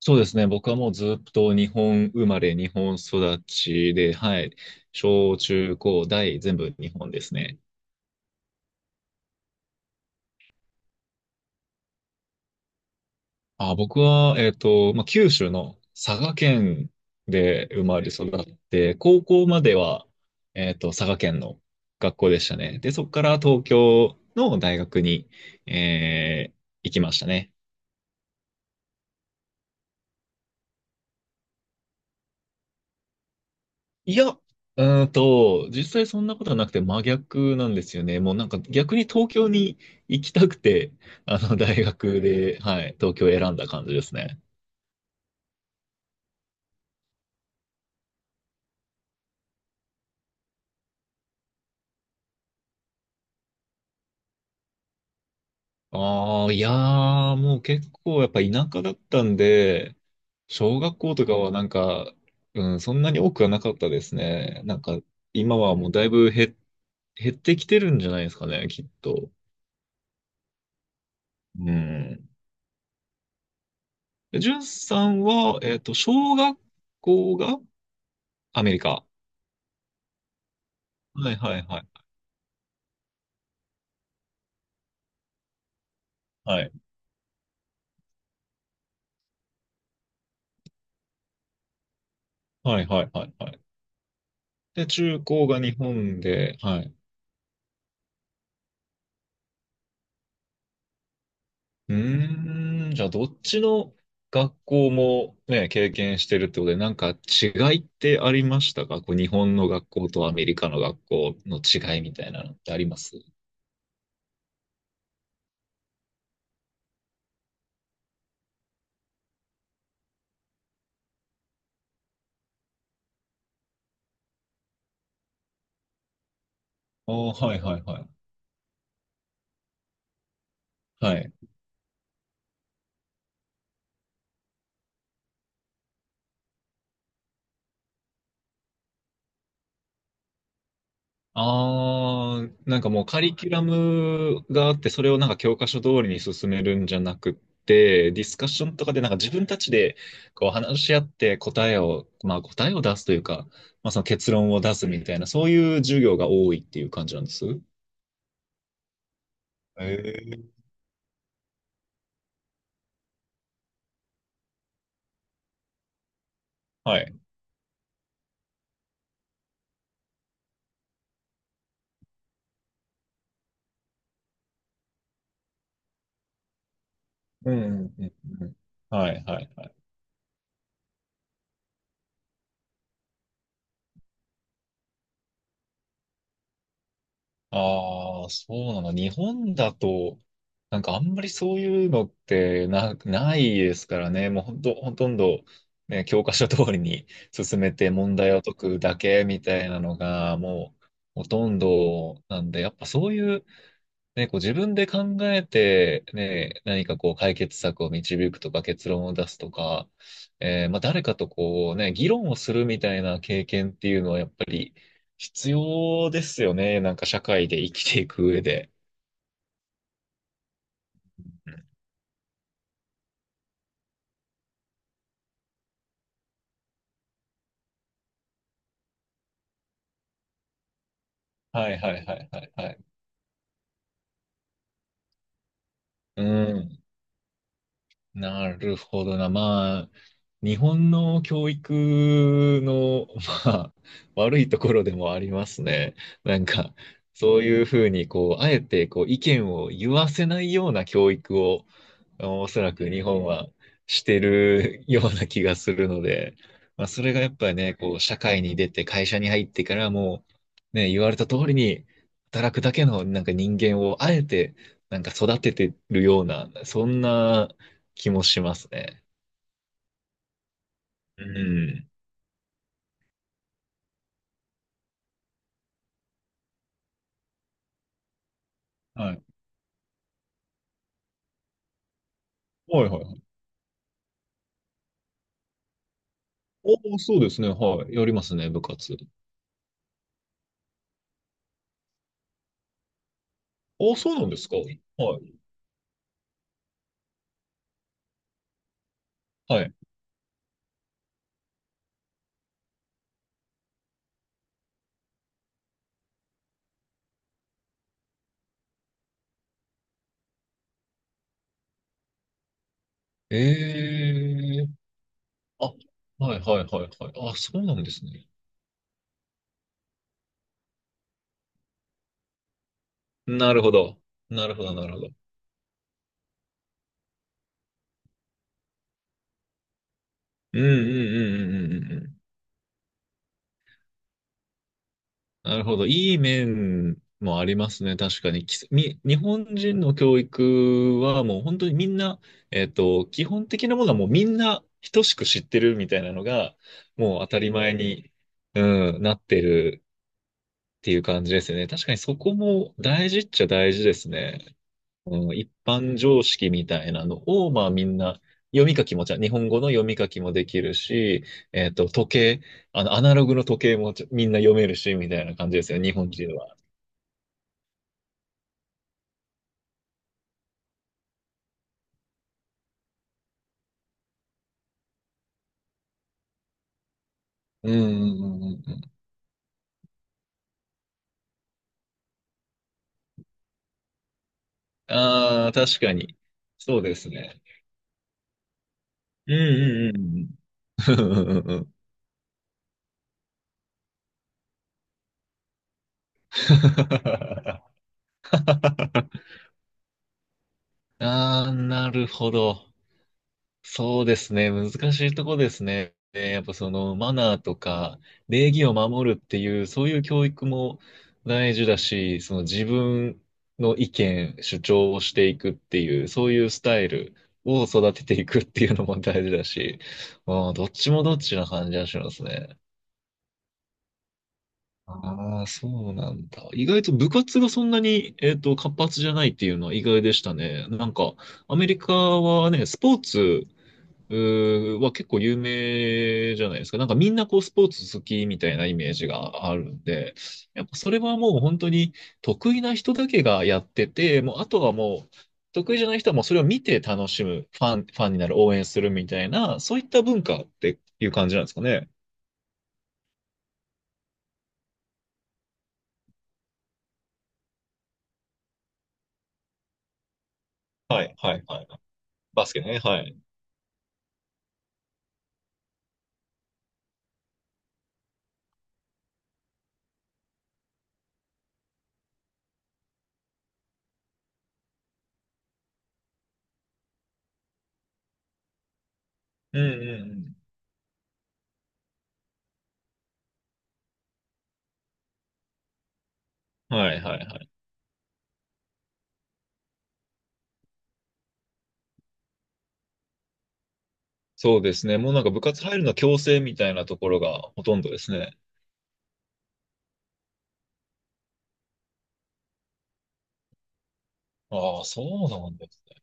そうですね。僕はもうずっと日本生まれ、日本育ちで、はい。小中高大全部日本ですね。あ、僕は、まあ、九州の佐賀県で生まれ育って、高校までは、佐賀県の学校でしたね。で、そこから東京の大学に、えー行きましたね。いや、実際そんなことはなくて真逆なんですよね。もうなんか逆に東京に行きたくて、あの大学で、はい、東京を選んだ感じですね。ああ、いやー、もう結構やっぱ田舎だったんで、小学校とかはなんか、うん、そんなに多くはなかったですね。なんか今はもうだいぶ減ってきてるんじゃないですかね、きっと。うん。で、んさんは、小学校がアメリカ。はいはいはい。はい。はいはいはいはい。で、中高が日本で、はい。うーん、じゃあどっちの学校もね、経験してるってことで、なんか違いってありましたか、こう日本の学校とアメリカの学校の違いみたいなのってあります？ああー、はいはいはい。ああ、なんかもうカリキュラムがあって、それをなんか教科書通りに進めるんじゃなくって、ディスカッションとかでなんか自分たちでこう話し合って答えを、まあ答えを出すというか、まあその結論を出すみたいな、そういう授業が多いっていう感じなんです。へえ、はい。うんうんうんうん。はいはいはい。ああ、そうなの。日本だと、なんかあんまりそういうのってないですからね。もうほんと、ほとんど、ね、教科書通りに進めて問題を解くだけみたいなのが、もうほとんどなんで、やっぱそういうね、こう自分で考えて、ね、何かこう解決策を導くとか結論を出すとか、まあ、誰かとこうね、議論をするみたいな経験っていうのはやっぱり必要ですよね。なんか社会で生きていく上で。はいはいはいはいはい。うん。なるほどな。まあ、日本の教育の、まあ、悪いところでもありますね。なんか、そういうふうに、こう、あえて、こう、意見を言わせないような教育を、あのおそらく日本はしてるような気がするので、まあ、それがやっぱりね、こう、社会に出て、会社に入ってからもね、言われた通りに、働くだけの、なんか人間を、あえて、なんか育ててるような、そんな、気もしますね。うん。はい。はいはいはい。お、そうですね。はい。やりますね、部活。あ、そうなんですか。はい。はい。ええー、あ、はいはいはいはい。あ、そうなんですね。なるほど。なるほど、なるほど。うんうんうんうんうんうんうん。なるほど。いい面もありますね。確かに。きみ、日本人の教育はもう本当にみんな、基本的なものはもうみんな等しく知ってるみたいなのが、もう当たり前に、うん、なってるっていう感じですよね。確かにそこも大事っちゃ大事ですね。うん、一般常識みたいなのを、まあみんな、読み書きもちゃん、日本語の読み書きもできるし、時計、あの、アナログの時計もちゃみんな読めるし、みたいな感じですよ、日本人は。うんうんうんうん、ああ、確かに。そうですね。うんうんうんうん。うんうんうんうん。ああ、なるほど。そうですね。難しいとこですね。やっぱそのマナーとか礼儀を守るっていう、そういう教育も大事だし、その自分の意見、主張をしていくっていう、そういうスタイルを育てていくっていうのも大事だし、あー、どっちもどっちな感じがしますね。ああ、そうなんだ。意外と部活がそんなに、活発じゃないっていうのは意外でしたね。なんか、アメリカはね、スポーツうは結構有名じゃないですか。なんかみんなこうスポーツ好きみたいなイメージがあるんで、やっぱそれはもう本当に得意な人だけがやってて、もうあとはもう得意じゃない人はもうそれを見て楽しむ、ファンになる、応援するみたいな、そういった文化っていう感じなんですかね。はい、はい、はい。バスケね、はい。うん、うん、うん。はいはいはい。そうですね。もうなんか部活入るの強制みたいなところがほとんどですね。ああ、そうなんですね。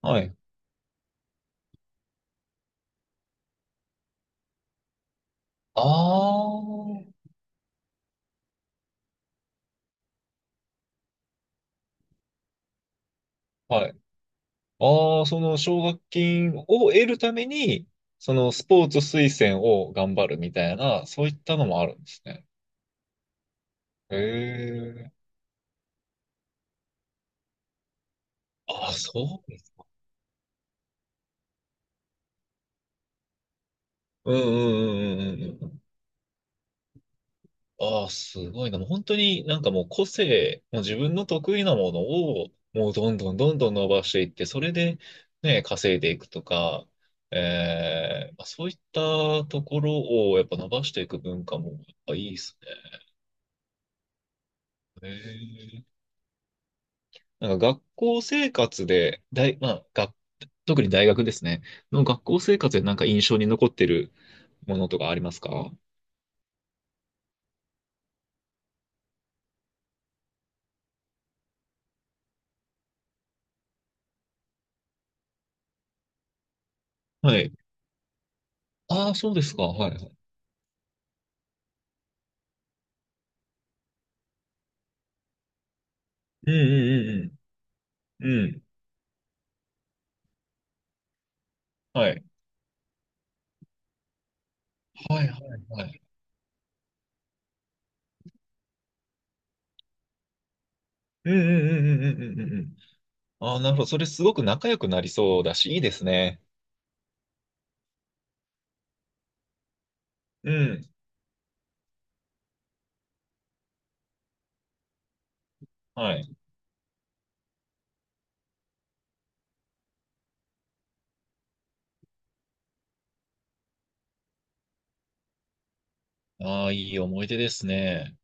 はい。ああ、はい。ああ、その奨学金を得るために、そのスポーツ推薦を頑張るみたいな、そういったのもあるんですね。へえ。ああ、そうです。うんうんうんうんうんうん。ああ、すごいな。もう本当になんかもう個性、もう自分の得意なものを、もうどんどんどんどん伸ばしていって、それでね、稼いでいくとか、えまあそういったところをやっぱ伸ばしていく文化もやっぱいいですね。へえ。なんか学校生活で、まあ、特に大学ですね。の学校生活でなんか印象に残ってるものとかありますか？はい。ああ、そうですか。はいはい。うんうんうんうん。うん。はい。はいはいはい。うんうんうんうんうんうんうん。ああ、なるほど。それすごく仲良くなりそうだし、いいですね。うん。はい。ああ、いい思い出ですね。